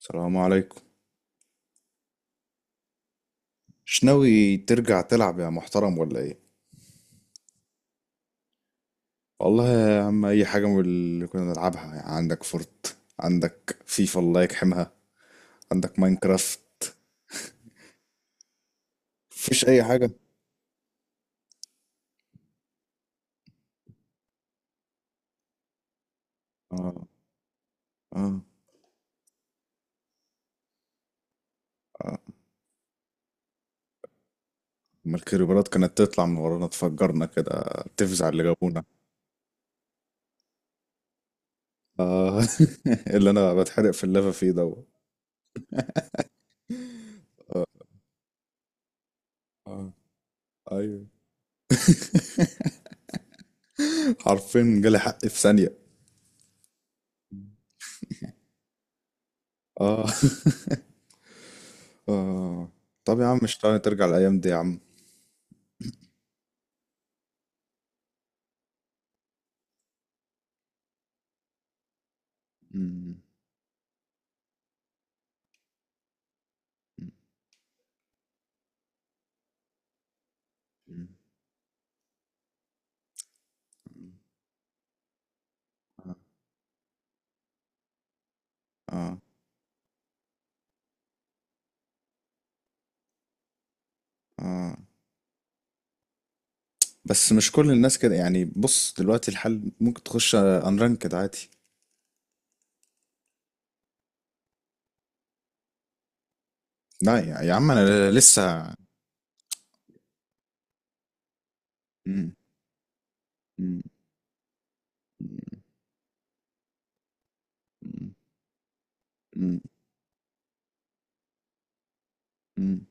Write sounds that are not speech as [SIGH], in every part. السلام عليكم. مش ناوي ترجع تلعب يا محترم ولا ايه؟ والله يا عم اي حاجه من اللي كنا نلعبها يعني، عندك فورت، عندك فيفا الله يجحمها، عندك ماينكرافت. مفيش اي حاجه. اه، اه، اه. ما الكريبرات كانت تطلع من ورانا تفجرنا كده، تفزع اللي جابونا. اه. [LAUGHS] اللي انا بتحرق في اللافا فيه ده. اه، ايوه. [LAUGHS] حرفيا جالي حق في ثانيه. اه. [LAUGHS] اه. طب يا عم مش ترجع الايام دي يا عم؟ مم. مم. آه. آه. آه. بس مش كل الناس كده يعني، بص دلوقتي الحل ممكن تخش انرانكد عادي. لا يا عم انا لسه. مم. مم. مم. مم. مم.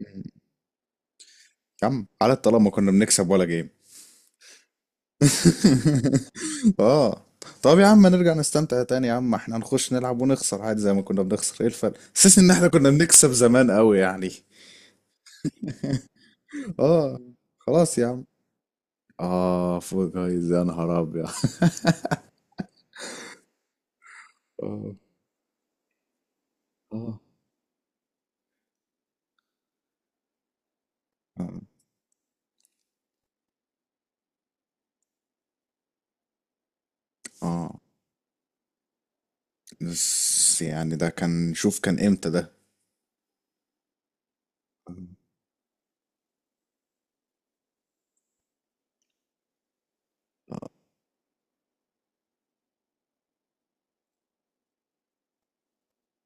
مم. يا عم على الطلاق ما كنا بنكسب ولا جيم. [LAUGHS] اه. طب يا عم نرجع نستمتع تاني يا عم، احنا هنخش نلعب ونخسر عادي زي ما كنا بنخسر، ايه الفرق؟ حاسس ان احنا كنا بنكسب زمان قوي يعني. [LAUGHS] اه. خلاص يا عم، اه فوق جايز يا نهار ابيض. اه، اه، اه. بس يعني ده كان، شوف كان امتى ده. اه.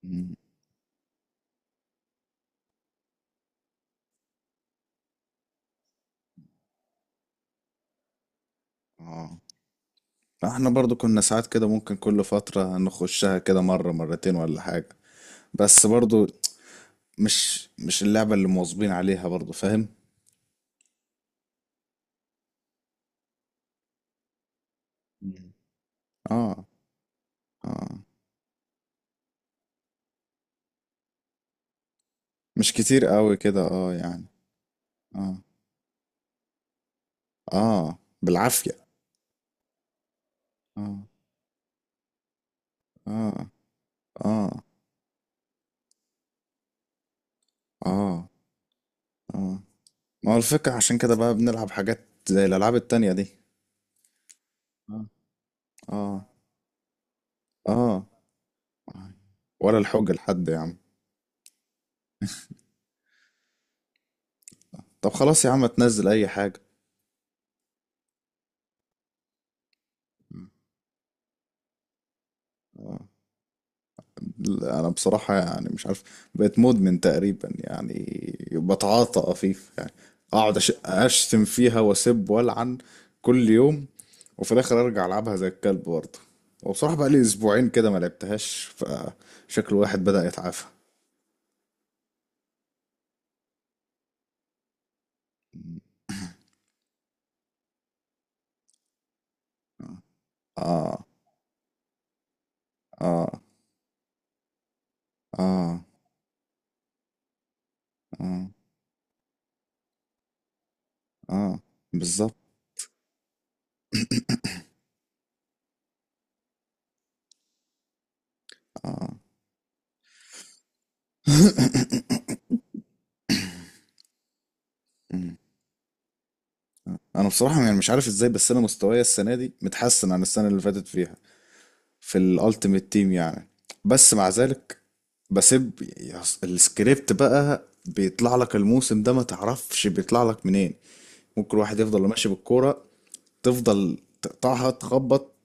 مم. آه. احنا برضو كنا ساعات كده ممكن كل فترة نخشها كده مرة مرتين ولا حاجة، بس برضو مش اللعبة اللي مواظبين عليها برضو، فاهم؟ مم. اه، اه. مش كتير قوي كده اه يعني. اه. اه بالعافية. اه، اه، اه، اه، اه. ما هو الفكرة عشان كده بقى بنلعب حاجات زي الألعاب التانية دي. اه، اه. ولا الحجة لحد يا عم. طب خلاص يا عم تنزل اي حاجة. آه. لا، انا بصراحة يعني مش عارف، بقيت مدمن تقريبا يعني، بتعاطى قفيف يعني، اقعد اشتم فيها واسب والعن كل يوم، وفي الاخر ارجع العبها زي الكلب برضه. وبصراحة بقى لي اسبوعين كده ما لعبتهاش، فشكل واحد بدأ يتعافى. اه، اه، اه، اه، اه، بالظبط، اه. انا بصراحه يعني مش عارف ازاي، بس انا مستواي السنه دي متحسن عن السنه اللي فاتت فيها، في الالتيميت تيم يعني. بس مع ذلك بسيب. السكريبت بقى بيطلع لك الموسم ده ما تعرفش بيطلع لك منين، ممكن واحد يفضل ماشي بالكوره تفضل تقطعها تخبط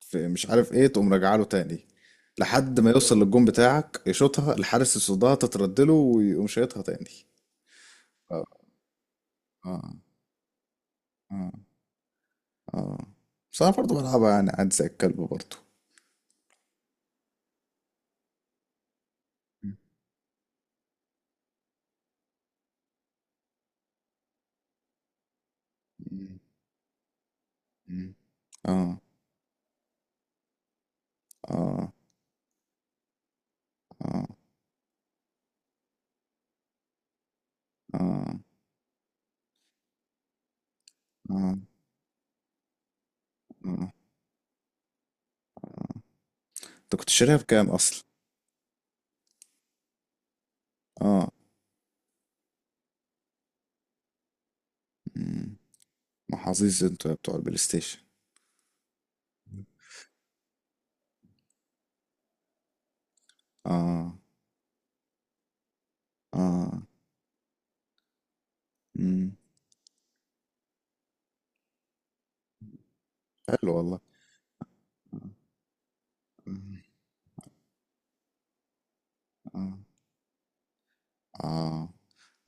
في مش عارف ايه تقوم راجعه له تاني، لحد ما يوصل للجون بتاعك يشوطها الحارس يصدها تتردله ويقوم شايطها تاني. اه، اه، اه، اه. بس انا برضه بلعبها يعني عادي زي الكلب برضه. إمم، إمم. آه، آه، آه، آه، آه، آه. أنت كنت شاريها بكام أصلًا؟ آه، إمم. محظوظ أنتم بتوع البلاي ستيشن. آه، آه، إمم. حلو والله. إمم، آه، آه.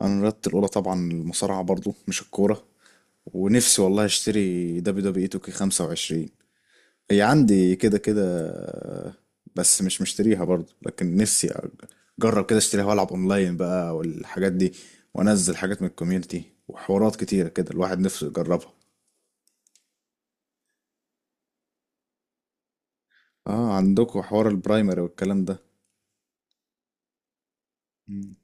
أنا رياضتي الأولى طبعًا المصارعة برضه مش الكورة، ونفسي والله أشتري WWE 2K25. هي عندي كده كده بس مش مشتريها برضو، لكن نفسي اجرب كده اشتريها والعب اونلاين بقى والحاجات دي، وانزل حاجات من الكوميونتي وحوارات كتيرة كده الواحد نفسه يجربها. اه، عندكم حوار البرايمري والكلام ده. مم.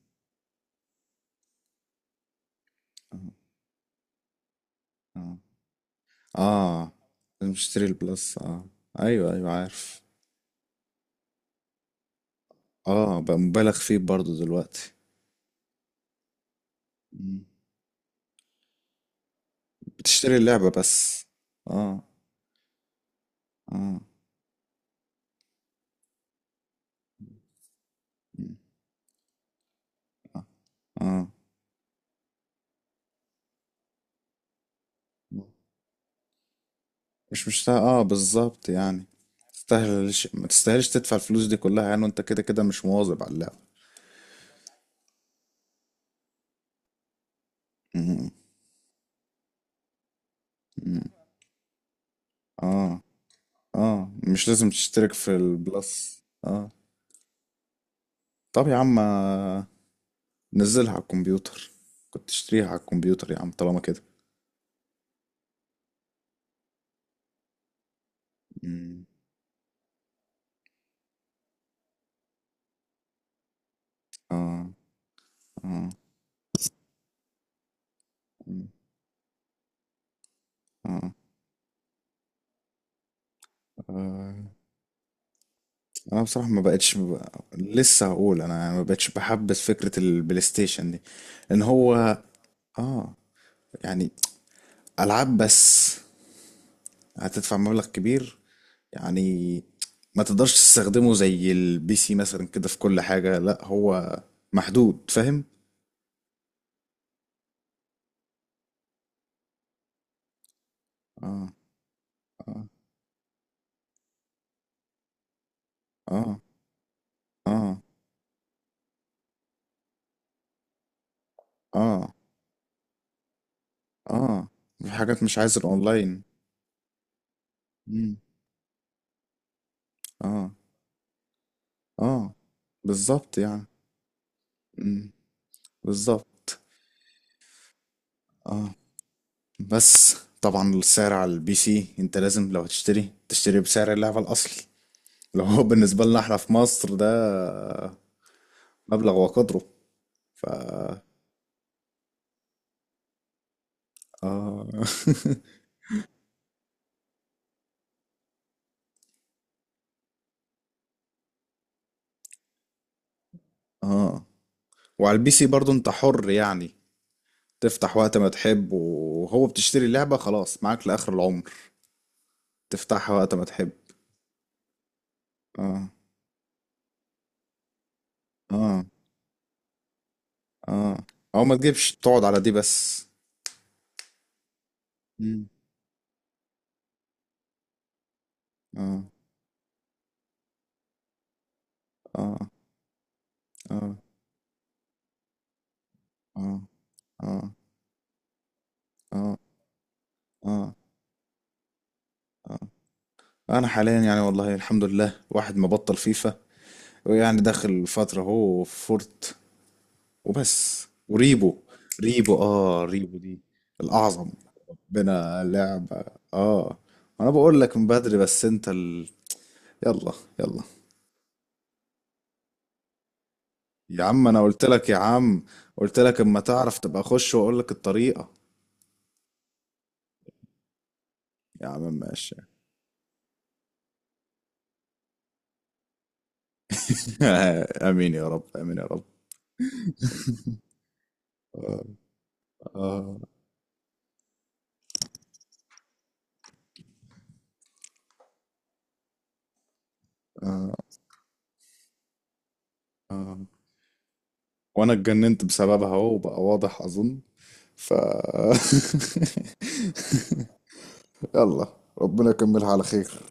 اه، اه، آه. مشتري البلس اه، ايوه ايوه عارف. اه بقى مبالغ فيه برضو دلوقتي. مم. بتشتري اللعبة بس. اه، اه. مم. اه، آه. مش مستاهل اه، بالظبط يعني، تستاهلش، ما تستاهلش تدفع الفلوس دي كلها يعني، وانت كده كده مش مواظب على اللعبة. مم. مم. اه، اه. مش لازم تشترك في البلس اه. طب يا عم آه، نزلها على الكمبيوتر، كنت تشتريها على الكمبيوتر يا عم طالما كده. مم. اه، اه. مم. اه، آه. انا بصراحة ما بقتش ببقى... لسه هقول انا يعني ما بقتش بحبس فكرة البلاي ستيشن دي، ان هو اه يعني العاب بس هتدفع مبلغ كبير يعني، ما تقدرش تستخدمه زي البي سي مثلا كده في كل حاجة، لا هو محدود، فاهم؟ اه، اه، اه، اه، اه، اه. في حاجات مش عايز الاونلاين. مم. اه، اه. بالظبط يعني. مم. بالظبط. اه. بس طبعا السعر على البي سي انت لازم لو هتشتري تشتري بسعر اللعبة الاصلي، لو هو بالنسبة لنا احنا في مصر ده مبلغ وقدره، ف اه. [LAUGHS] اه. وعلى البي سي برضو انت حر يعني تفتح وقت ما تحب، وهو بتشتري اللعبة خلاص معاك لآخر العمر، تفتحها وقت ما تحب. اه، اه، اه. او ما تجيبش تقعد على دي بس. مم. اه، اه، اه، اه، اه، اه، اه، اه. انا حاليا يعني والله الحمد لله واحد ما بطل فيفا، ويعني داخل فترة هو فورت وبس وريبو. ريبو اه، ريبو دي الأعظم. بنا لعبة اه، انا بقول لك من بدري بس انت ال... يلا، يلا. يا عم انا قلت لك يا عم، قلت لك اما تعرف تبقى خش واقول لك الطريقة. يا عم ماشي. [LAUGHS] امين يا رب، امين يا رب. آه، آه، آه، آه. وانا اتجننت بسببها اهو بقى واضح اظن، ف [LAUGHS] يلا، ربنا يكملها على خير.